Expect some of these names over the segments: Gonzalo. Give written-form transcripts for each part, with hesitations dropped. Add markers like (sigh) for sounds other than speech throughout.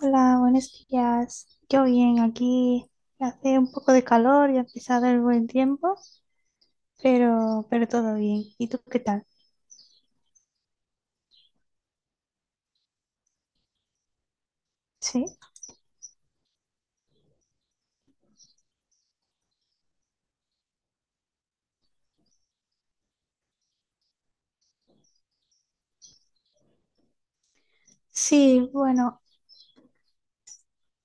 Hola, buenos días. Yo bien, aquí hace un poco de calor, ya ha empezado el buen tiempo, pero todo bien. ¿Y tú qué tal? Sí. Sí, bueno,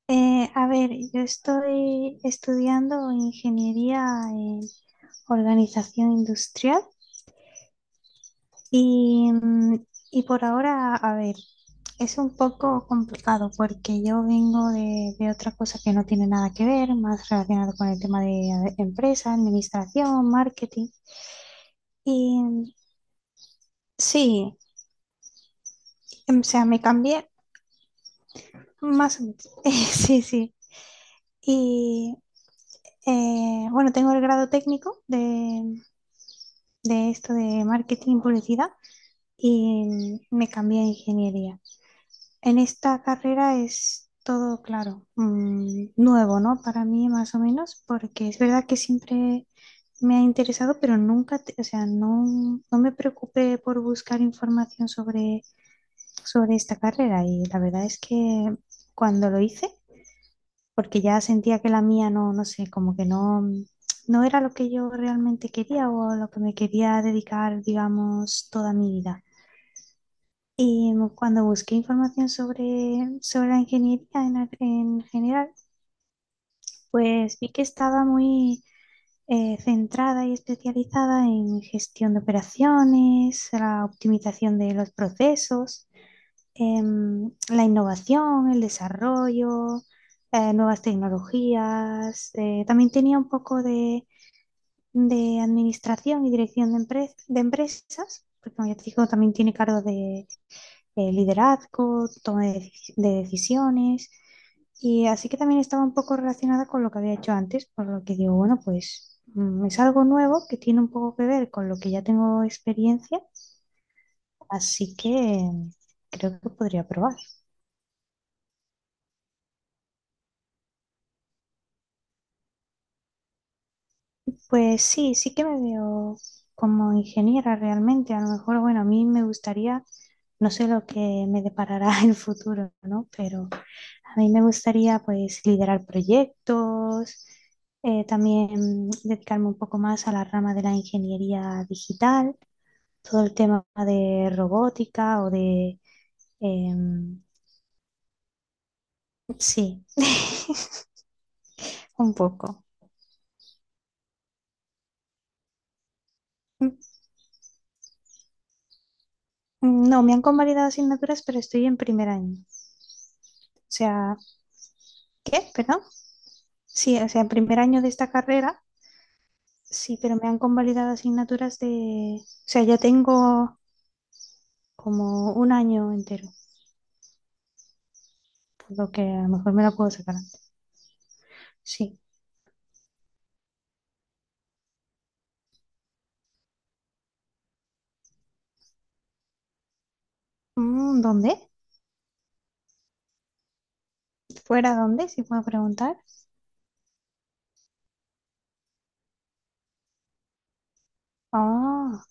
a ver, yo estoy estudiando ingeniería en organización industrial y, y por ahora, a ver, es un poco complicado porque yo vengo de otra cosa que no tiene nada que ver, más relacionado con el tema de empresa, administración, marketing. Y sí, o sea, me cambié más. (laughs) Sí, sí. Y bueno, tengo el grado técnico de esto de marketing y publicidad y me cambié a ingeniería. En esta carrera es todo, claro, nuevo, ¿no? Para mí más o menos, porque es verdad que siempre me ha interesado, pero nunca, o sea, no, no me preocupé por buscar información sobre sobre esta carrera y la verdad es que cuando lo hice, porque ya sentía que la mía no, no sé, como que no, no era lo que yo realmente quería o a lo que me quería dedicar, digamos, toda mi vida. Y cuando busqué información sobre la ingeniería en general, pues vi que estaba muy centrada y especializada en gestión de operaciones, la optimización de los procesos, la innovación, el desarrollo, nuevas tecnologías. También tenía un poco de administración y dirección de empresas, porque como ya te digo, también tiene cargo de, liderazgo, toma de decisiones. Y así que también estaba un poco relacionada con lo que había hecho antes, por lo que digo, bueno, pues es algo nuevo que tiene un poco que ver con lo que ya tengo experiencia, así que creo que podría probar. Pues sí, sí que me veo como ingeniera realmente. A lo mejor, bueno, a mí me gustaría, no sé lo que me deparará (laughs) el futuro, ¿no? Pero a mí me gustaría pues liderar proyectos, también dedicarme un poco más a la rama de la ingeniería digital, todo el tema de robótica o de... em, sí, un poco. Mm, No, me han convalidado asignaturas, pero estoy en primer año. O sea, ¿qué? Perdón. Sí, o sea, en primer año de esta carrera, sí, pero me han convalidado asignaturas de... O sea, ya tengo como un año entero, por lo que a lo mejor me la puedo sacar antes. Sí. ¿Dónde? ¿Fuera dónde? Si puedo preguntar. Ah,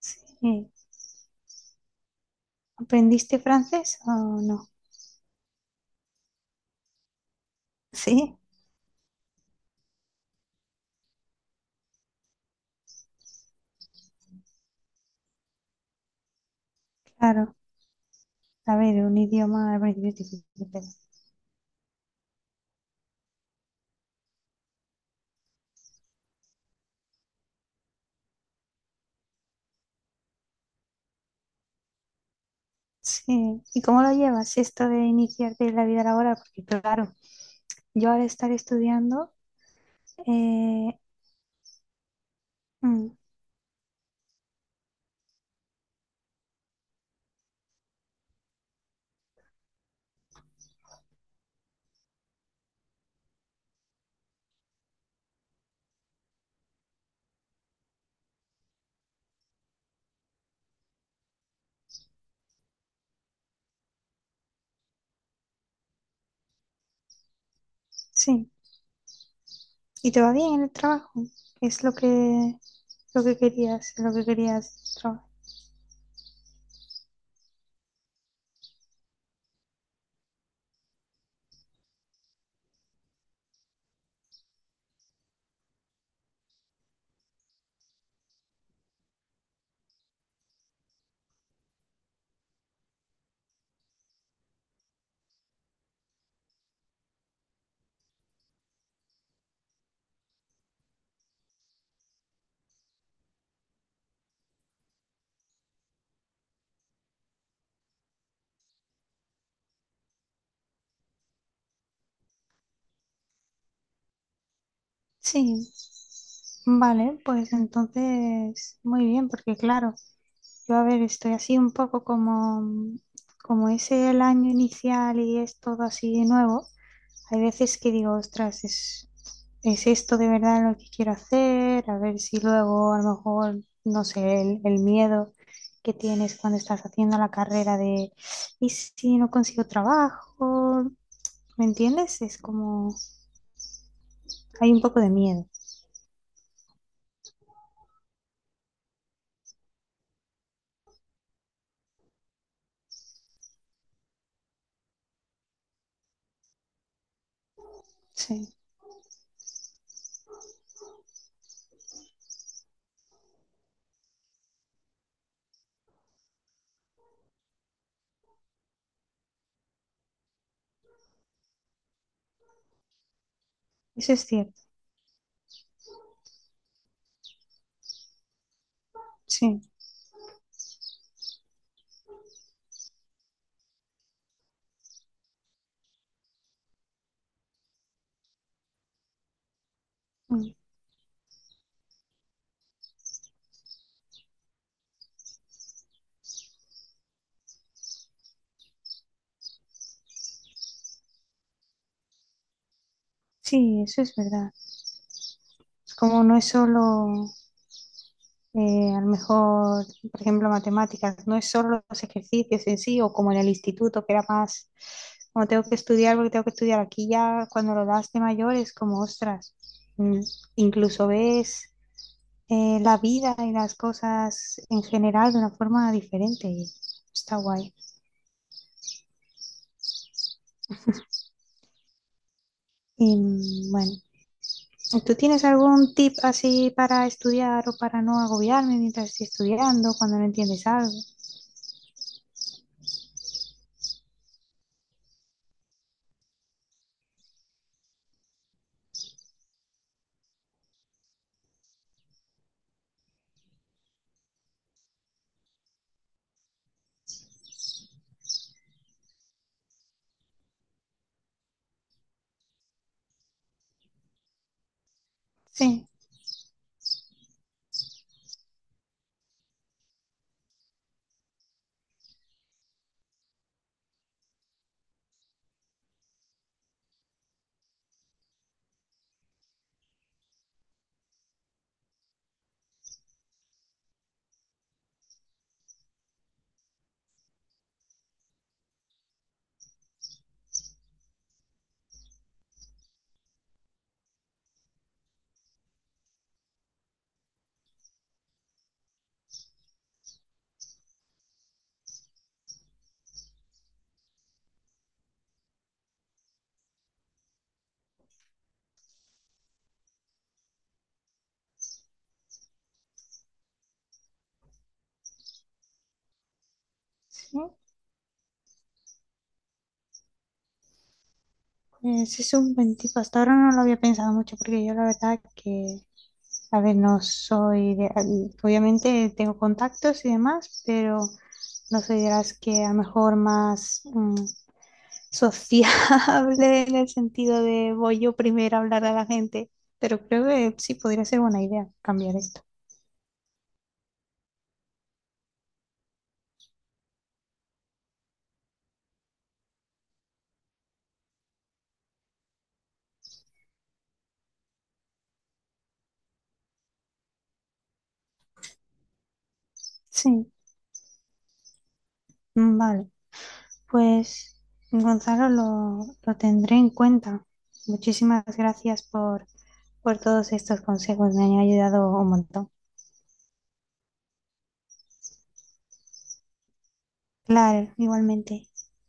sí. ¿Aprendiste francés o no? Sí, claro. A ver, un idioma al principio es difícil, pero... Sí. ¿Y cómo lo llevas esto de iniciarte en la vida laboral? Porque claro, yo al estar estudiando... Eh, mm, Sí. ¿Y te va bien en el trabajo? Es lo que querías trabajar. Sí, vale, pues entonces muy bien, porque claro, yo a ver, estoy así un poco como, como es el año inicial y es todo así nuevo, hay veces que digo, ostras, es esto de verdad lo que quiero hacer, a ver si luego a lo mejor, no sé, el miedo que tienes cuando estás haciendo la carrera de, ¿y si no consigo trabajo? ¿Me entiendes? Es como, hay un poco de miedo. Sí, eso es cierto. Sí. Mm. Sí, eso es verdad. Es como no es solo, a lo mejor, por ejemplo, matemáticas, no es solo los ejercicios en sí o como en el instituto, que era más, como tengo que estudiar porque tengo que estudiar. Aquí ya cuando lo das de mayor es como, ostras, mm, incluso ves la vida y las cosas en general de una forma diferente y está guay. Y bueno. ¿Tú tienes algún tip así para estudiar o para no agobiarme mientras estoy estudiando, cuando no entiendes algo? Sí, sí, pues es un buen tip. Hasta ahora no lo había pensado mucho porque yo la verdad que, a ver, no soy de... Obviamente tengo contactos y demás, pero no soy de las que a lo mejor más sociable (laughs) en el sentido de voy yo primero a hablar a la gente, pero creo que sí podría ser buena idea cambiar esto. Sí, vale. Pues, Gonzalo, lo tendré en cuenta. Muchísimas gracias por todos estos consejos, me han ayudado un montón. Claro, igualmente.